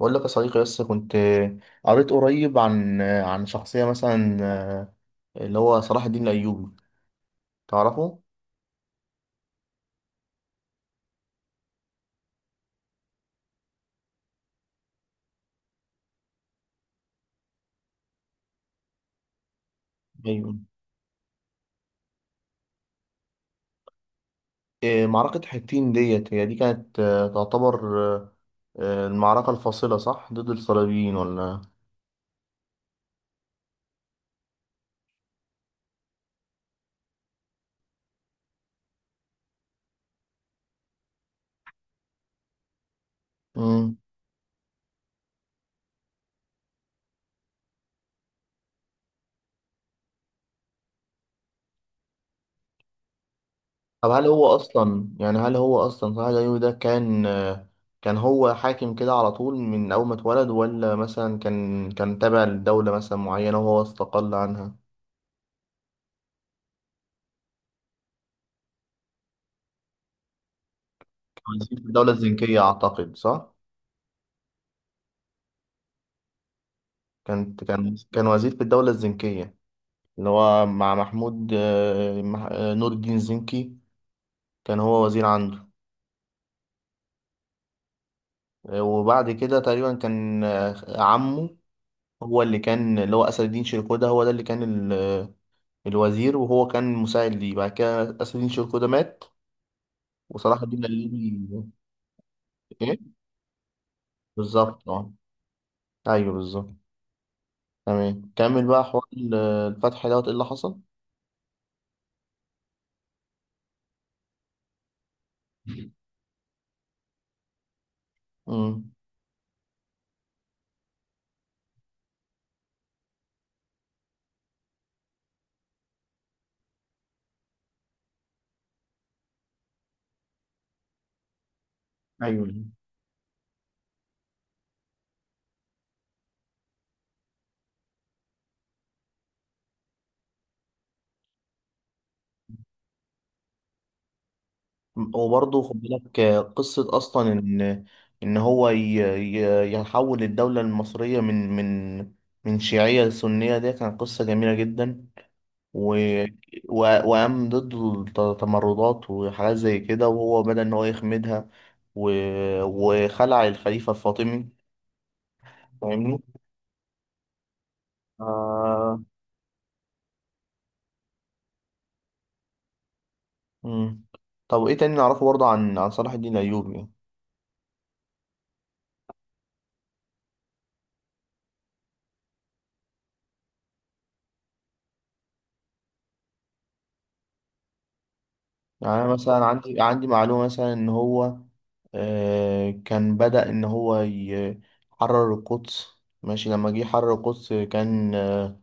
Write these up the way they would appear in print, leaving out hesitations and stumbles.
بقول لك يا صديقي، بس كنت قريت قريب عن عن شخصية مثلا اللي هو صلاح الدين الأيوبي. تعرفه؟ أيوة. إيه، معركة حطين ديت، هي دي كانت آه، تعتبر آه، آه، المعركة الفاصلة صح ضد الصليبيين ولا؟ مم. طب هل هو أصلا، يعني هل هو أصلا صلاح الدين الأيوبي ده كان كان هو حاكم كده على طول من أول ما اتولد، ولا مثلا كان كان تابع لدولة مثلا معينة وهو استقل عنها؟ كان في الدولة الزنكية أعتقد، صح؟ كان كان وزير في الدولة الزنكية، اللي هو مع محمود نور الدين زنكي، كان هو وزير عنده. وبعد كده تقريبا كان عمه هو اللي كان، اللي هو أسد الدين شيركوده، هو ده اللي كان الوزير، وهو كان مساعد ليه. بعد كده أسد الدين شيركوده مات وصلاح الدين الأيوبي... إيه بالظبط، أه. أيوه بالظبط. تمام، كمل بقى حوار الفتح دوت إيه اللي حصل؟ مم. أيوه، وبرضه خد بالك قصة أصلا إن إن هو ي- يحول الدولة المصرية من من من شيعية لسنية، دي كانت قصة جميلة جدا. و... و... وقام ضد التمردات وحاجات زي كده، وهو بدأ إن هو يخمدها. و... وخلع الخليفة الفاطمي. فاهمني؟ آه... مم. طب إيه تاني نعرفه برضه عن عن صلاح الدين الأيوبي؟ يعني أنا مثلا عندي عندي معلومة مثلا إن هو كان بدأ إن هو يحرر القدس. ماشي، لما جه يحرر القدس كان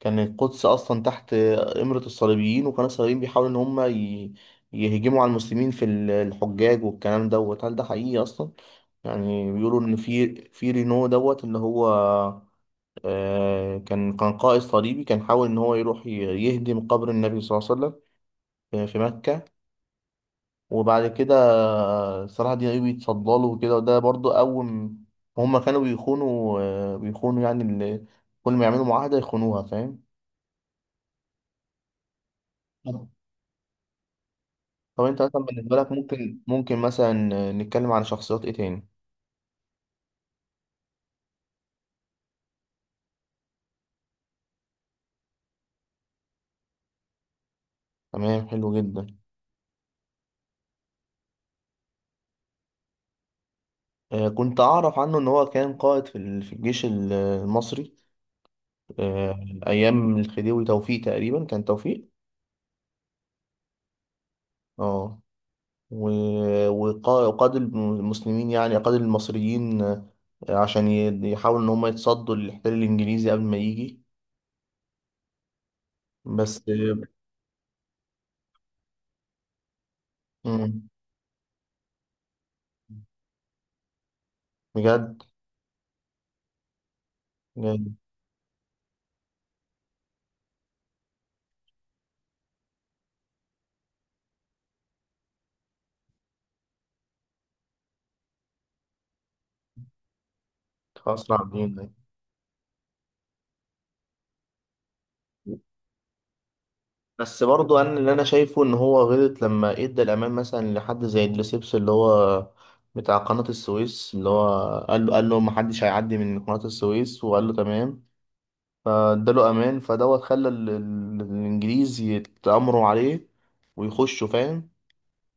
كان القدس أصلا تحت إمرة الصليبيين، وكان الصليبيين بيحاولوا يهجموا على المسلمين في الحجاج والكلام دوت. هل ده حقيقي أصلا؟ يعني بيقولوا إن في في رينو دوت، اللي هو كان كان قائد صليبي، كان حاول إن هو يروح ي- يهدم قبر النبي صلى الله عليه وسلم في في مكة. وبعد كده صلاح الدين ايوبي اتصدى له وكده. وده برضو هما كانوا بيخونوا، كل ما يعملوا معاهدة يخونوها، فاهم؟ طب طب انت مثلا بالنسبة لك ممكن، ممكن مثلا نتكلم على شخصيات ايه تاني؟ تمام، حلو جدا. كنت اعرف عنه ان هو كان قائد في في الجيش المصري، آه، ايام الخديوي توفيق، تقريبا كان توفيق. اه، وقاد المسلمين، يعني قاد المصريين، عشان يحاولوا إن هم يتصدوا للاحتلال الإنجليزي قبل ما يجي. بس مم، بجد؟ بجد. أسرع بينا. بس برضو أنا اللي أنا شايفه إن هو غلط لما إدى الأمان مثلا لحد زي دريسبس، اللي هو بتاع قناة السويس، اللي هو قال له قال له محدش هيعدي من قناة السويس، وقال له تمام، فاداله امان. فدوت خلى الانجليز يتآمروا عليه ويخشوا، فاهم؟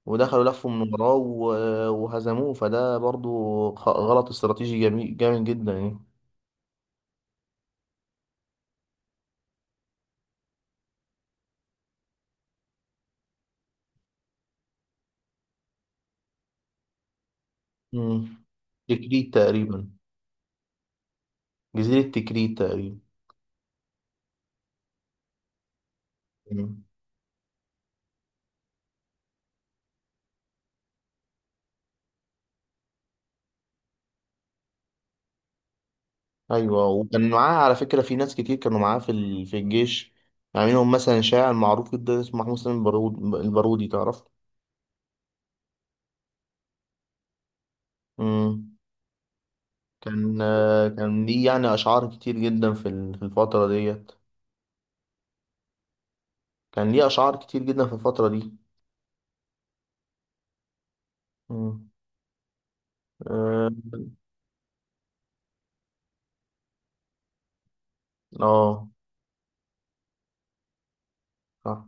ودخلوا، لفوا من وراه وهزموه. فده برضو غلط استراتيجي جميل جامد جدا يعني. مم. تكريت تقريبا. جزيرة تكريت تقريبا. مم. ايوه، وكان معاه على فكرة في ناس كتير كانوا معاه في في الجيش. يعني منهم مثلا شاعر معروف جدا اسمه محمود سليم البارودي، تعرف؟ مم. كان كان ليه يعني أشعار كتير جدا في في الفترة ديت. كان ليه أشعار كتير جدا في الفترة دي. مم. آه. آه، صح.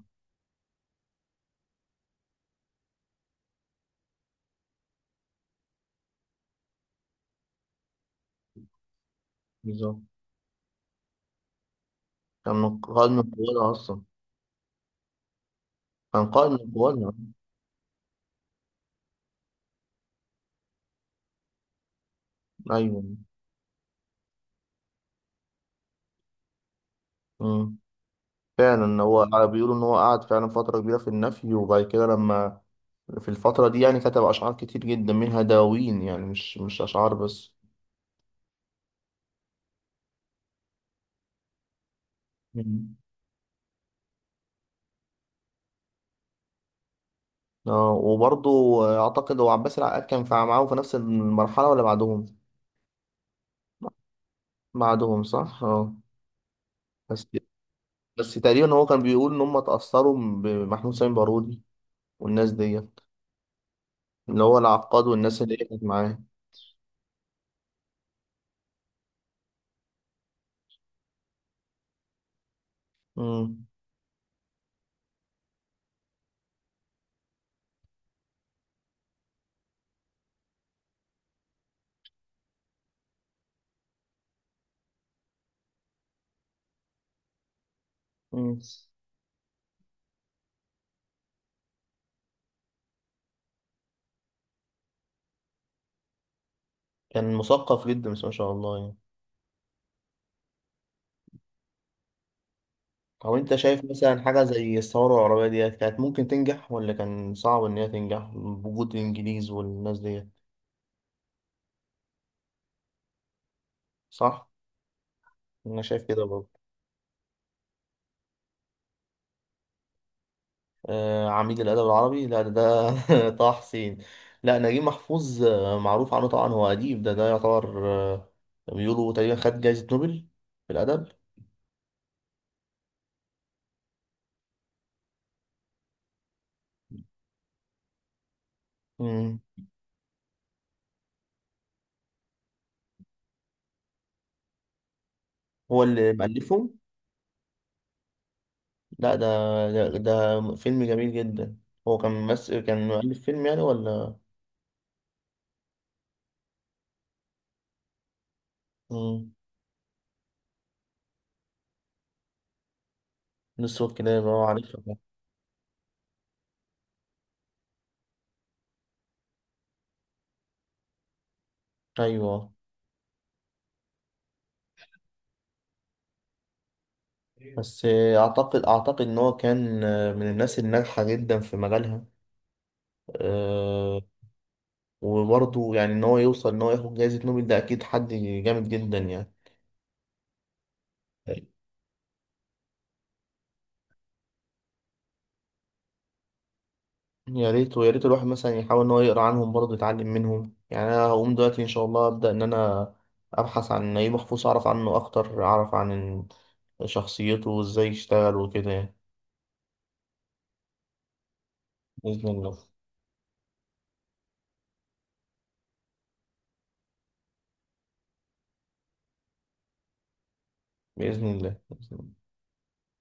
بالظبط، كان من قائد من قوانا أصلا. كان قائد من قوانا. أيوه. مم. فعلا هو بيقولوا إن هو قعد فعلا فترة كبيرة في النفي. وبعد كده لما في الفترة دي يعني كتب أشعار كتير جدا، منها دواوين، يعني مش مش أشعار بس. مم. اه، وبرضه أعتقد هو عباس العقاد كان معاهم في نفس المرحلة ولا بعدهم؟ بعدهم صح؟ اه. بس بس تقريبا هو كان بيقول ان هم اتأثروا بمحمود سامي بارودي والناس دي، اللي هو العقاد والناس اللي هي كانت معاه. مم. مم. كان مثقف جدا بس، ما شاء الله يعني. او انت شايف مثلا حاجة زي الثورة العربية ديت كانت ممكن تنجح، ولا كان صعب ان هي تنجح بوجود الانجليز والناس ديت؟ صح، انا شايف كده برضه. آه، عميد الادب العربي، لا ده، ده طه حسين. لا نجيب محفوظ معروف عنه طبعا هو اديب، ده ده يعتبر بيقولوا تقريبا خد جايزة نوبل في الادب. مم. هو اللي مألفه؟ لا ده، ده فيلم جميل جدا. هو كان ممثل، كان مؤلف فيلم يعني ولا؟ مم. نصه كده اللي هو عارفها ده. ايوه. بس اعتقد اعتقد ان هو كان من الناس الناجحه جدا في مجالها. أه. وبرضه يعني ان هو يوصل ان هو ياخد جائزه نوبل، ده اكيد حد جامد جدا يعني. يا ريت، ويا ريت الواحد مثلا يحاول ان هو يقرا عنهم برضه، يتعلم منهم. يعني انا هقوم دلوقتي ان شاء الله ابدا ان انا ابحث عن نجيب محفوظ، اعرف عنه اكتر، اعرف عن شخصيته وازاي يشتغل وكده يعني. باذن الله. باذن الله، بإذن الله.